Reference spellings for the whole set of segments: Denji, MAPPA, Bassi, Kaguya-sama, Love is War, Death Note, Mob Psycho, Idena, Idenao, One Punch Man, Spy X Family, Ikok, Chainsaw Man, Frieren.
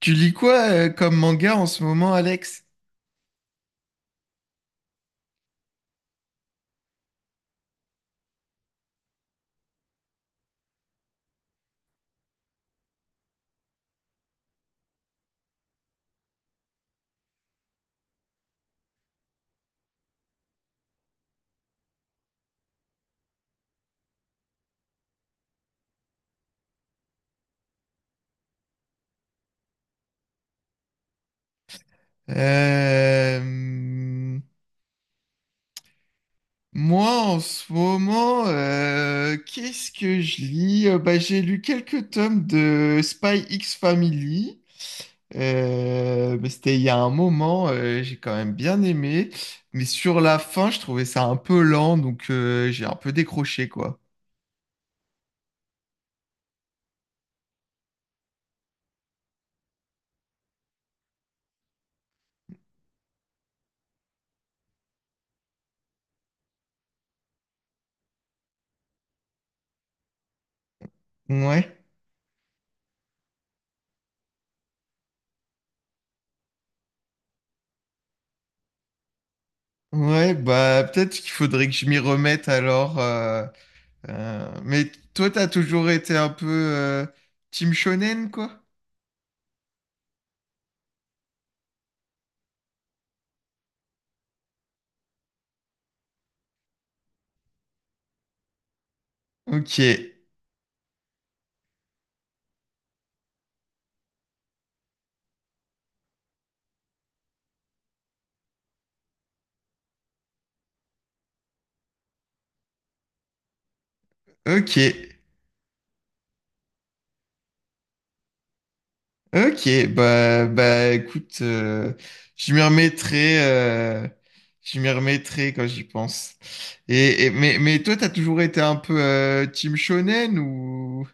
Tu lis quoi comme manga en ce moment, Alex? Euh, hum, Moi, en ce moment, qu'est-ce que je lis? J'ai lu quelques tomes de Spy X Family. Mais c'était il y a un moment, j'ai quand même bien aimé. Mais sur la fin, je trouvais ça un peu lent, donc j'ai un peu décroché, quoi. Ouais. Ouais, bah peut-être qu'il faudrait que je m'y remette alors. Mais toi, t'as toujours été un peu team shonen, quoi? Ok, ok, ok. Bah, écoute, je m'y remettrai, euh, je m'y remettrai quand j'y pense. Mais toi, t'as toujours été un peu team shonen ou?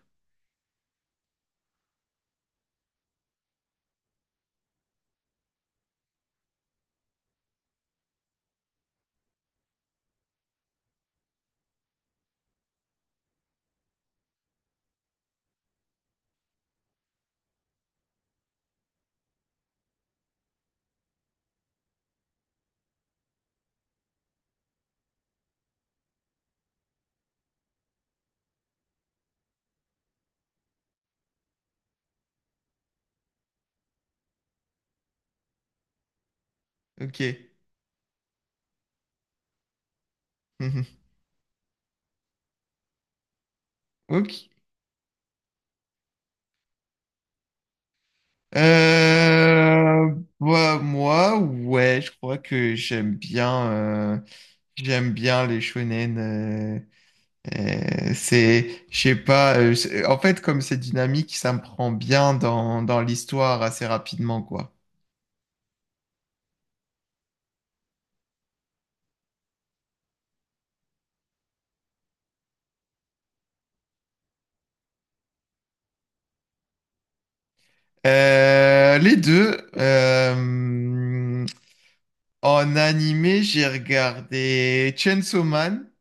Ok. Mhm. Ok. Euh, Bah, moi, ouais, je crois que j'aime bien les shonen. C'est, je sais pas, en fait, comme c'est dynamique, ça me prend bien dans l'histoire assez rapidement, quoi. Les deux, en animé, j'ai regardé Chainsaw Man.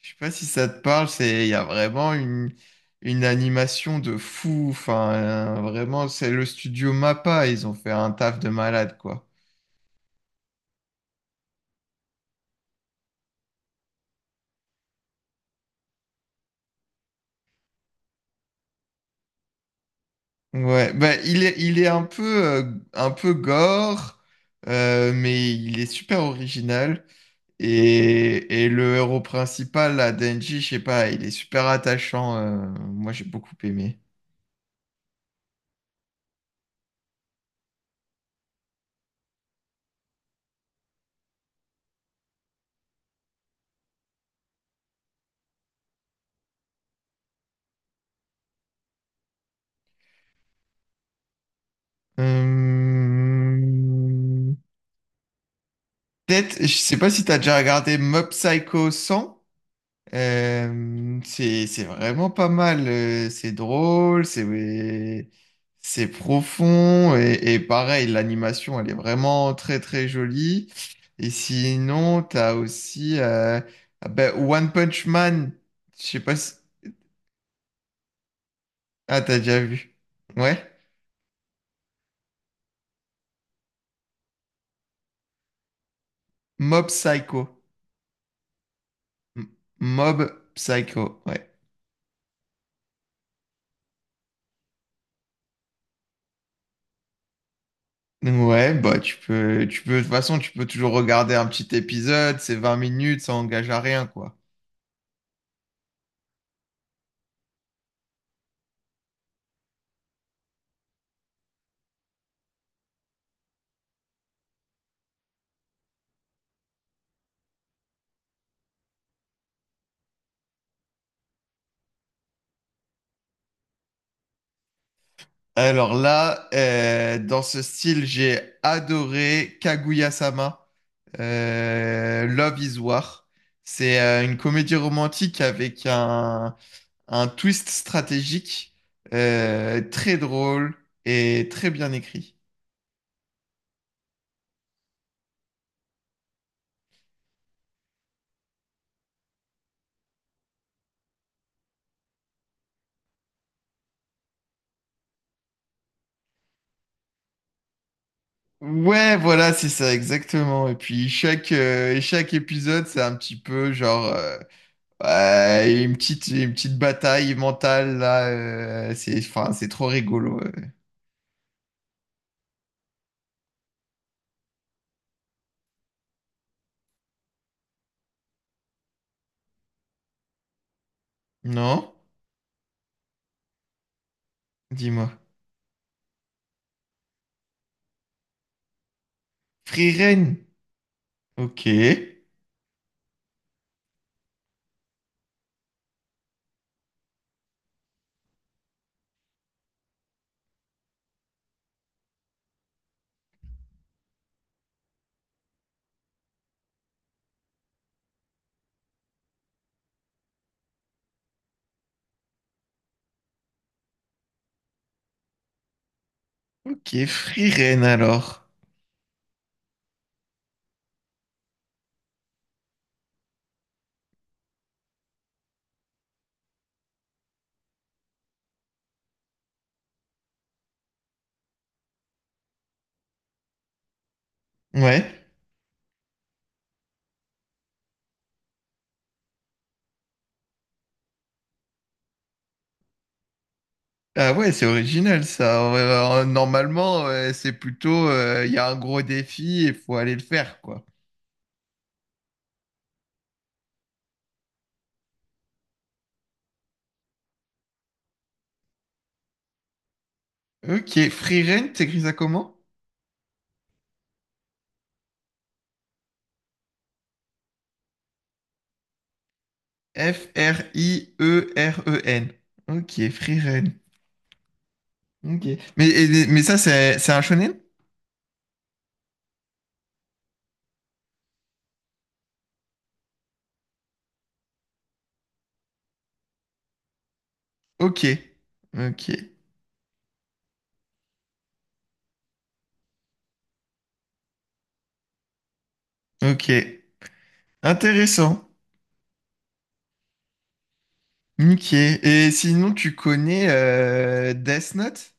Je sais pas si ça te parle, c'est, il y a une animation de fou. Enfin, vraiment, c'est le studio MAPPA, ils ont fait un taf de malade, quoi. Ouais, bah, il est un peu gore, mais il est super original. Et le héros principal, là, Denji, je sais pas, il est super attachant. Moi, j'ai beaucoup aimé. Euh, Peut-être, je sais pas si t'as déjà regardé Mob Psycho 100. C'est vraiment pas mal. C'est drôle, c'est ouais, c'est profond et pareil, l'animation, elle est vraiment très très jolie. Et sinon, t'as aussi ah ben, One Punch Man. Je sais pas si... Ah, t'as déjà vu. Ouais. Mob Psycho. M- Mob Psycho, ouais. Ouais, bah de toute façon, tu peux toujours regarder un petit épisode, c'est 20 minutes, ça engage à rien, quoi. Alors là, dans ce style, j'ai adoré Kaguya-sama, Love is War. C'est une comédie romantique avec un twist stratégique très drôle et très bien écrit. Ouais, voilà, c'est ça, exactement. Et puis chaque épisode, c'est un petit peu genre ouais, une petite bataille mentale là. C'est, enfin, c'est trop rigolo. Non? Dis-moi. Frieren. Ok. Ok, Frieren alors. Ouais. Ah ouais, c'est original ça. Ouais, alors, normalement, ouais, c'est plutôt, il y a un gros défi et il faut aller le faire, quoi. Ok, Frieren, t'écris ça comment? F-R-I-E-R-E-N. Ok, Frieren. Ok. Mais ça, c'est un shonen? Ok. Ok. Ok. Intéressant. Ok. Et sinon, tu connais Death Note?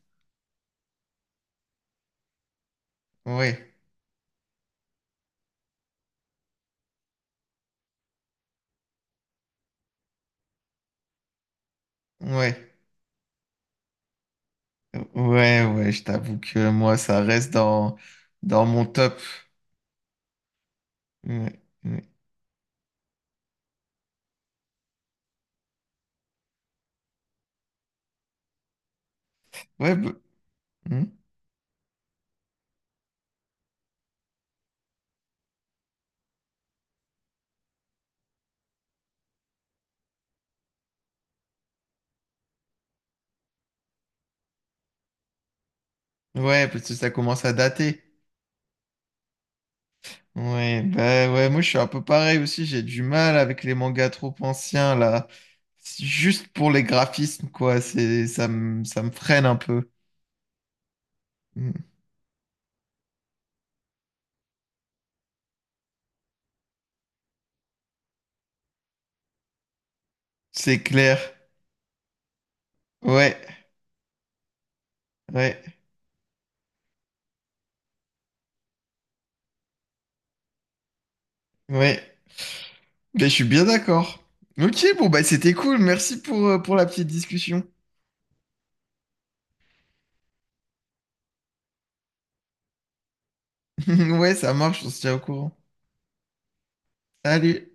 Ouais. Ouais. Ouais, ouais, je t'avoue que moi, ça reste dans mon top. Ouais, ouais, ouais, bah, hmm. Ouais, parce que ça commence à dater. Ouais, bah ouais, moi je suis un peu pareil aussi, j'ai du mal avec les mangas trop anciens là. C'est juste pour les graphismes, quoi, c'est, ça me freine un peu. Hmm. C'est clair. Ouais, ouais, ouais. Mais je suis bien d'accord. Ok, bon, bah c'était cool, merci pour la petite discussion. Ouais, ça marche, on se tient au courant. Salut!